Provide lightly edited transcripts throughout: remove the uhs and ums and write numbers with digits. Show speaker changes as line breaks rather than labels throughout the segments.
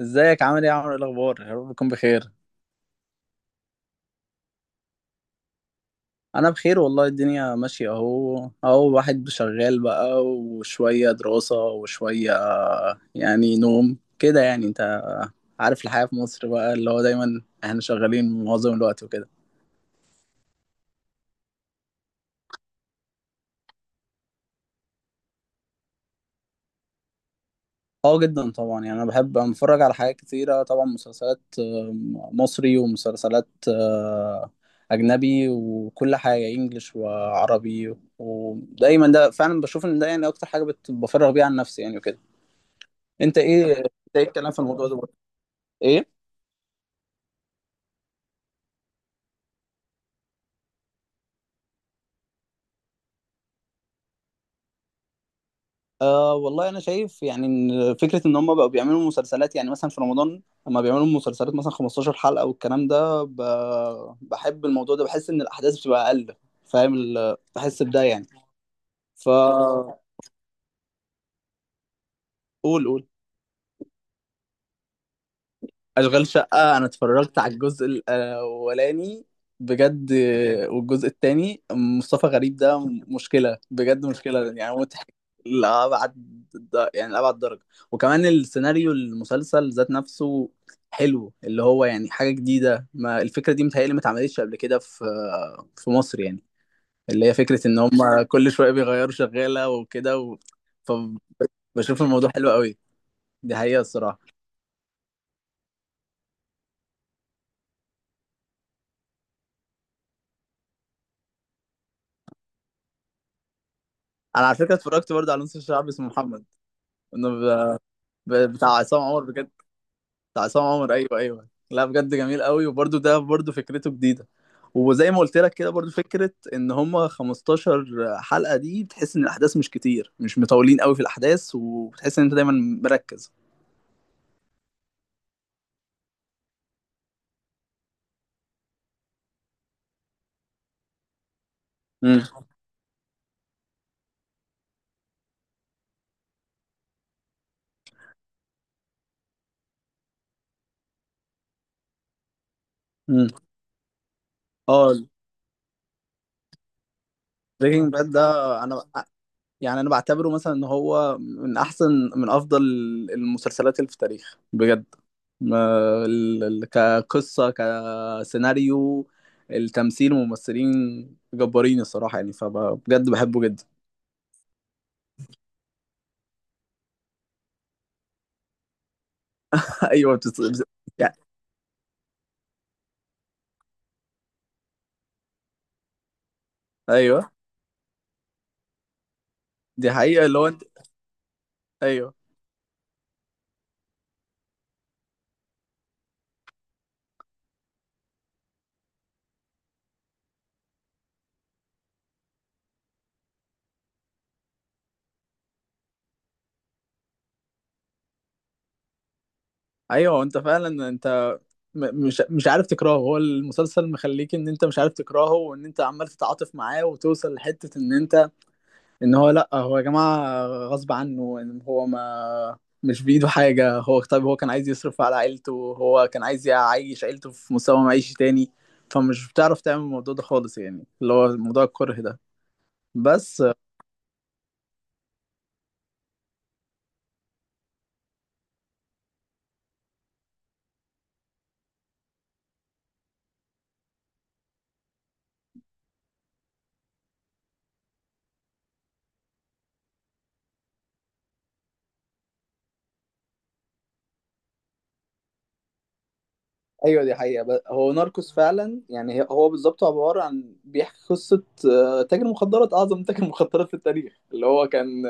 ازيك عامل ايه يا عمرو؟ ايه الاخبار؟ يا رب تكون بخير. انا بخير والله. الدنيا ماشيه اهو اهو، واحد شغال بقى وشويه دراسه وشويه يعني نوم كده. يعني انت عارف الحياه في مصر بقى، اللي هو دايما احنا شغالين معظم الوقت وكده. اه جدا طبعا. يعني انا بحب أنا بتفرج على حاجات كتيره، طبعا مسلسلات مصري، ومسلسلات اجنبي، وكل حاجه انجليش وعربي. ودايما ده فعلا بشوف ان ده يعني اكتر حاجه بفرغ بيها عن نفسي يعني وكده. انت ايه الكلام في الموضوع ده برضه؟ ايه؟ آه والله، انا شايف يعني ان فكره ان هم بقوا بيعملوا مسلسلات يعني مثلا في رمضان، لما بيعملوا مسلسلات مثلا 15 حلقه والكلام ده. بحب الموضوع ده، بحس ان الاحداث بتبقى اقل. فاهم بحس بده يعني. ف قول قول. اشغال شقه انا اتفرجت على الجزء الاولاني بجد. والجزء التاني مصطفى غريب ده مشكله بجد، مشكله يعني، مضحك لأبعد، يعني لأبعد درجه. وكمان السيناريو، المسلسل ذات نفسه حلو، اللي هو يعني حاجه جديده، ما الفكره دي متهيألي ما اتعملتش قبل كده في مصر يعني. اللي هي فكره ان هم كل شويه بيغيروا شغاله وكده فبشوف الموضوع حلو قوي، دي حقيقه الصراحه. انا على فكره اتفرجت برضه على نص الشعب اسمه محمد. إنه ب- بتاع عصام عمر بجد. بتاع عصام عمر، ايوه ايوه، لا بجد جميل قوي. وبرده ده برده فكرته جديده. وزي ما قلت لك كده، برده فكره ان هما 15 حلقه دي بتحس ان الاحداث مش كتير، مش مطولين قوي في الاحداث، وبتحس ان انت دايما مركز. امم امم. اه، بريكنج باد ده انا يعني بعتبره مثلا ان هو من احسن من افضل المسلسلات اللي في التاريخ بجد. كقصه، سيناريو، التمثيل، وممثلين جبارين الصراحه يعني، فبجد بحبه جدا. ايوه بتس... بس- يعني ايوه. دي حقيقه اللي هو انت. ايوه ايوه، انت فعلا انت مش عارف تكرهه. هو المسلسل مخليك ان انت مش عارف تكرهه، وان انت عمال تتعاطف معاه، وتوصل لحته ان انت ان هو لا، هو يا جماعه غصب عنه ان هو ما مش بايده حاجه. هو طيب، هو كان عايز يصرف على عيلته، هو كان عايز يعيش عيلته في مستوى معيشي تاني. فمش بتعرف تعمل الموضوع ده خالص يعني، اللي هو موضوع الكره ده بس. ايوه دي حقيقة. هو ناركوس فعلا يعني، هو بالظبط عبارة عن بيحكي قصة تاجر مخدرات، اعظم تاجر مخدرات في التاريخ. اللي هو كان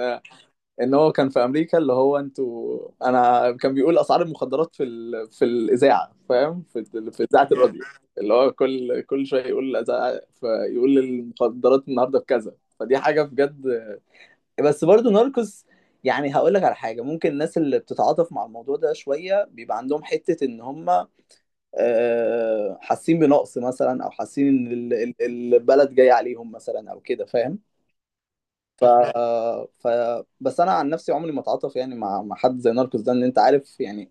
ان هو كان في امريكا، اللي هو انا كان بيقول اسعار المخدرات في الاذاعه، فاهم، في في اذاعه الراديو، اللي هو كل شويه يقول فيقول المخدرات النهارده بكذا، فدي حاجه بجد. بس برضه ناركوس، يعني هقول لك على حاجه، ممكن الناس اللي بتتعاطف مع الموضوع ده شويه بيبقى عندهم حته ان هم حاسين بنقص مثلا، او حاسين ان البلد جايه عليهم مثلا او كده، فاهم. ف... ف بس انا عن نفسي عمري ما اتعاطف يعني مع حد زي ناركوس ده، ان انت عارف يعني.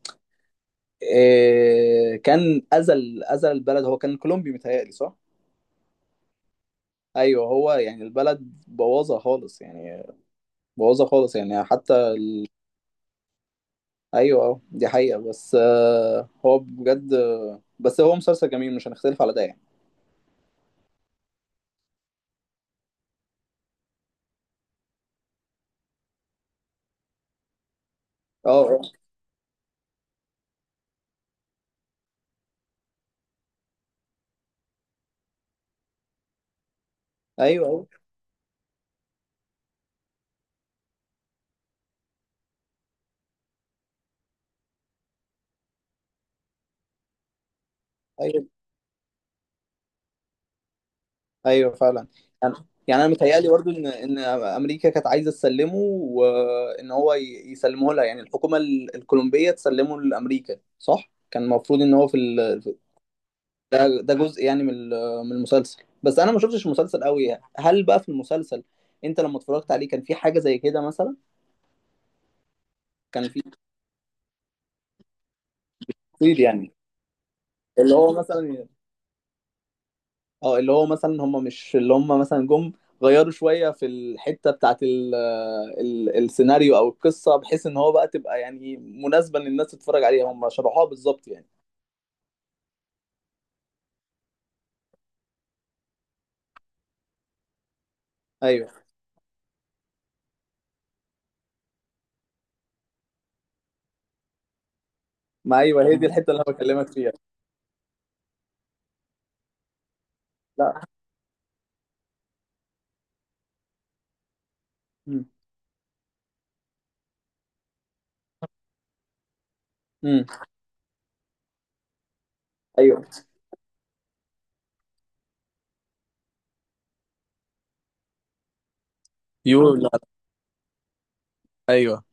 كان اذى البلد. هو كان كولومبي متهيألي، صح؟ ايوه، هو يعني البلد بوظها خالص يعني بوظها خالص يعني، حتى ايوه دي حقيقة. بس هو بجد، بس هو مسلسل جميل، مش هنختلف على ده يعني. اه آه، ايوه ايوه أيوة. ايوه فعلا يعني. انا متهيألي برضه ان امريكا كانت عايزه تسلمه، وان هو يسلمه لها، يعني الحكومه الكولومبيه تسلمه لامريكا، صح كان المفروض ان هو في ده جزء يعني من من المسلسل، بس انا ما شفتش المسلسل قوي يعني. هل بقى في المسلسل انت لما اتفرجت عليه كان في حاجه زي كده مثلا؟ كان في تفصيل يعني، اللي هو مثلا، اه اللي هو مثلا هم مش اللي هم مثلا جم غيروا شوية في الحتة بتاعت ال ال السيناريو أو القصة، بحيث إن هو بقى يعني مناسبة، إن الناس تتفرج عليها، هم شرحوها بالظبط يعني. أيوه. ما أيوه هي دي الحتة اللي أنا بكلمك فيها. لا. امم. أمم. أيوه. يو؟ لا. أيوه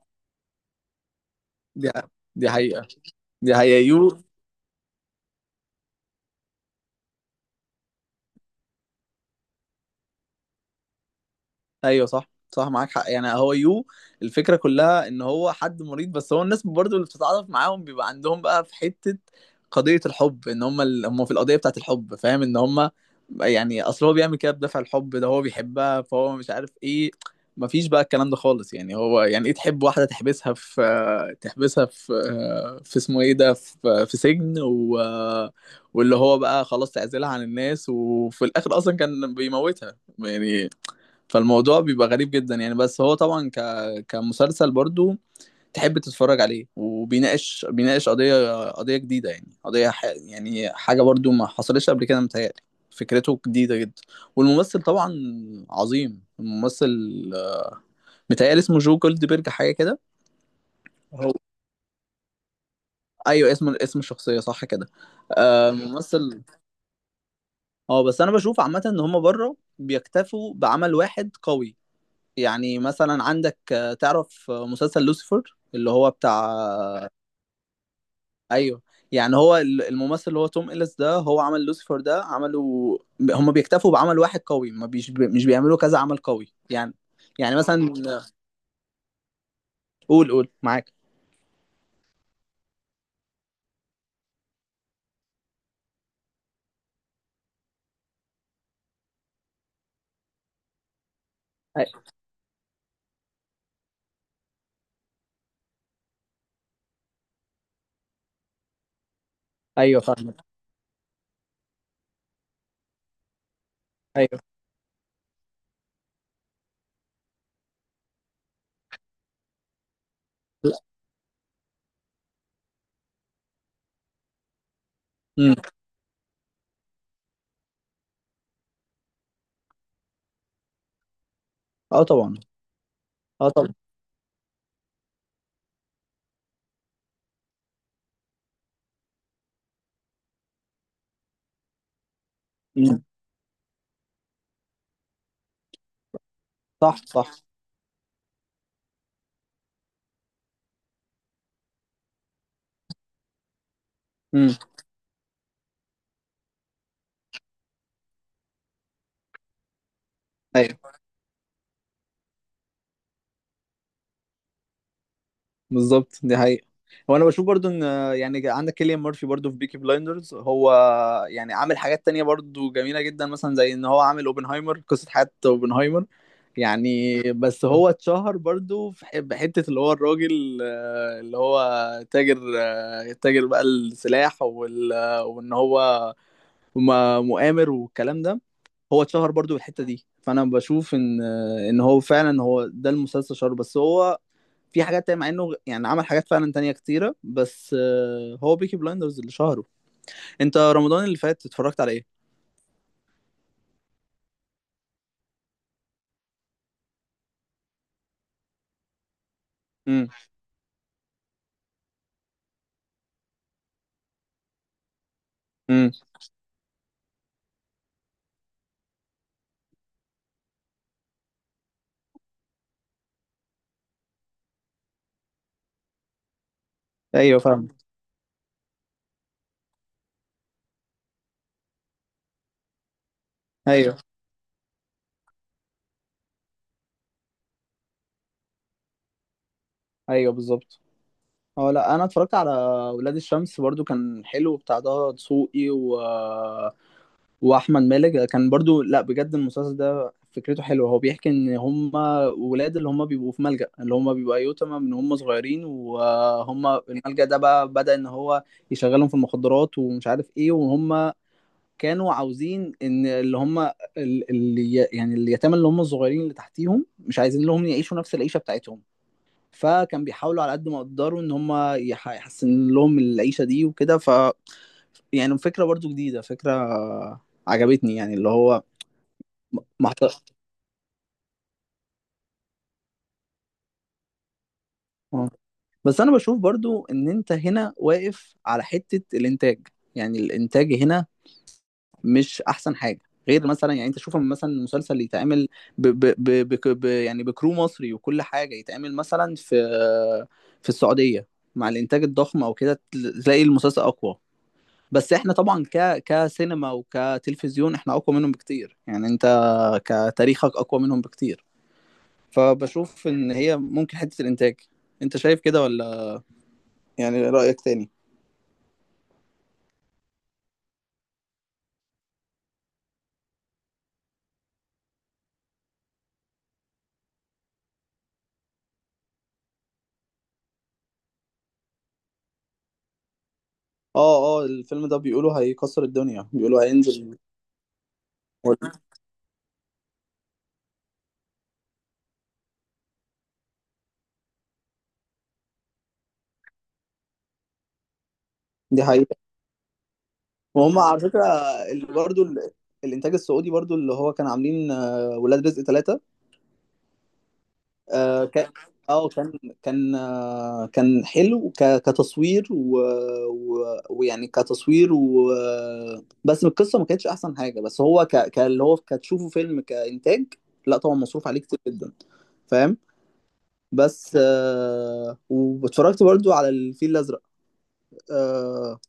دي دي حقيقة حقيقة يو. ايوه صح صح، معاك حق. يعني هو يو الفكره كلها ان هو حد مريض. بس هو الناس برضو اللي بتتعاطف معاهم بيبقى عندهم بقى في حته قضيه الحب، ان هم هم في القضيه بتاعت الحب، فاهم ان هم يعني، اصل هو بيعمل كده بدافع الحب، ده هو بيحبها، فهو مش عارف ايه. مفيش بقى الكلام ده خالص يعني. هو يعني ايه تحب واحده تحبسها في في اسمه ايه ده، في سجن واللي هو بقى، خلاص تعزلها عن الناس، وفي الاخر اصلا كان بيموتها يعني. فالموضوع بيبقى غريب جدا يعني. بس هو طبعا كمسلسل برضو تحب تتفرج عليه، بيناقش قضية جديدة يعني، يعني حاجة برضو ما حصلتش قبل كده متهيألي، فكرته جديدة جدا. والممثل طبعا عظيم الممثل، متهيألي اسمه جو جولدبرج حاجة كده. هو ايوه، اسم الشخصية صح كده. آه ممثل. اه، بس انا بشوف عامة ان هما بره بيكتفوا بعمل واحد قوي. يعني مثلا عندك تعرف مسلسل لوسيفر، اللي هو بتاع ايوه. يعني هو الممثل اللي هو توم إليس ده، هو عمل لوسيفر ده، عملوا هم بيكتفوا بعمل واحد قوي، ما بيش مش بيعملوا كذا عمل قوي يعني. يعني مثلا قول قول معاك. أي- ايوه فاهمك. ايوه. لا. امم. اه طبعا. اه طبعا. امم. صح صح. امم. ايوه بالظبط، دي حقيقة. هو انا بشوف برضو ان، يعني عندك كيليان مورفي برضو في بيكي بلايندرز، هو يعني عامل حاجات تانية برضو جميلة جدا، مثلا زي ان هو عامل اوبنهايمر، قصة حياة اوبنهايمر يعني. بس هو اتشهر برضو في بحتة اللي هو الراجل اللي هو تاجر، تاجر بقى السلاح وان هو مؤامر والكلام ده. هو اتشهر برضو بالحتة دي، فانا بشوف ان ان هو فعلا هو ده المسلسل شهر، بس هو في حاجات تانية، مع انه يعني عمل حاجات فعلا تانية كتيرة، بس هو بيكي بلايندرز اللي شهره. انت رمضان اللي فات اتفرجت على ايه؟ امم. امم. ايوه فاهم. ايوه ايوه بالظبط. اه لا، انا اتفرجت على ولاد الشمس برضو، كان حلو، بتاع ده دسوقي واحمد مالك كان برضو، لا بجد المسلسل ده فكرته حلوه. هو بيحكي ان هم ولاد اللي هم بيبقوا في ملجأ، اللي هم بيبقوا ايتام من هم صغيرين. وهم الملجأ ده بقى بدأ ان هو يشغلهم في المخدرات ومش عارف ايه، وهم كانوا عاوزين ان اللي هم، اللي يعني اليتامى اللي هم الصغيرين اللي تحتيهم، مش عايزين لهم يعيشوا نفس العيشه بتاعتهم. فكان بيحاولوا على قد ما يقدروا ان هم يحسن لهم العيشه دي وكده. يعني فكره برضو جديده، فكره عجبتني يعني، اللي هو م- محت... آه. بس انا بشوف برضو ان انت هنا واقف على حته الانتاج. يعني الانتاج هنا مش احسن حاجه، غير مثلا يعني، انت شوف لما مثلا المسلسل اللي يتعمل ب ب ب ب ب يعني بكرو مصري وكل حاجه، يتعمل مثلا في في السعوديه مع الانتاج الضخم او كده، تلاقي المسلسل اقوى. بس احنا طبعا ك كسينما وكتلفزيون احنا اقوى منهم بكتير، يعني انت كتاريخك اقوى منهم بكتير. فبشوف ان هي ممكن حته الانتاج. انت شايف كده ولا يعني رايك تاني؟ اه اه، الفيلم ده بيقولوا هيكسر الدنيا، بيقولوا هينزل. دي حقيقة. وهم على فكرة، اللي برضو الإنتاج السعودي برضو، اللي هو كان عاملين ولاد رزق ثلاثة. اه كان، اه كان، كان حلو كتصوير ويعني كتصوير و، بس القصة ما كانتش أحسن حاجة. بس هو اللي هو كتشوفه فيلم كإنتاج، لا طبعا مصروف عليه كتير جدا، فاهم. بس آه واتفرجت برضو على الفيل الأزرق. آه.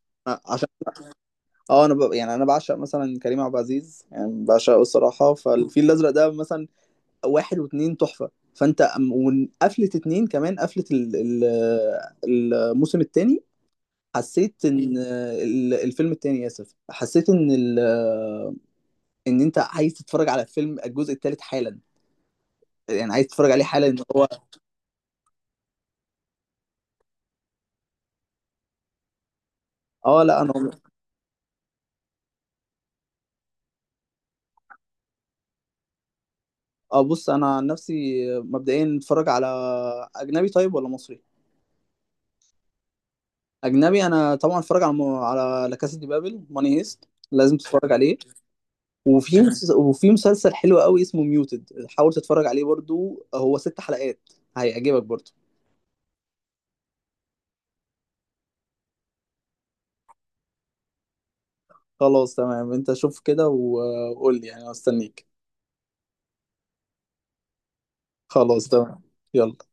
اه انا يعني انا بعشق مثلا كريم عبد العزيز، يعني بعشقه الصراحه. فالفيل الازرق ده مثلا واحد واتنين تحفه. فانت وقفلة اتنين كمان، قفلة الموسم التاني، حسيت ان ال- الفيلم التاني اسف حسيت ان ال... ان انت عايز تتفرج على الفيلم الجزء التالت حالا، يعني عايز تتفرج عليه حالا ان هو. اه لا، انا، اه بص، انا عن نفسي مبدئيا اتفرج على اجنبي طيب ولا مصري؟ اجنبي. انا طبعا اتفرج على لا كاسا دي بابل، ماني هيست، لازم تتفرج عليه. وفي مسلسل حلو قوي اسمه ميوتد، حاول تتفرج عليه برضو، هو ست حلقات، هيعجبك برضو. خلاص تمام، انت شوف كده وقول لي يعني، أنا مستنيك. خلاص تمام، يلا.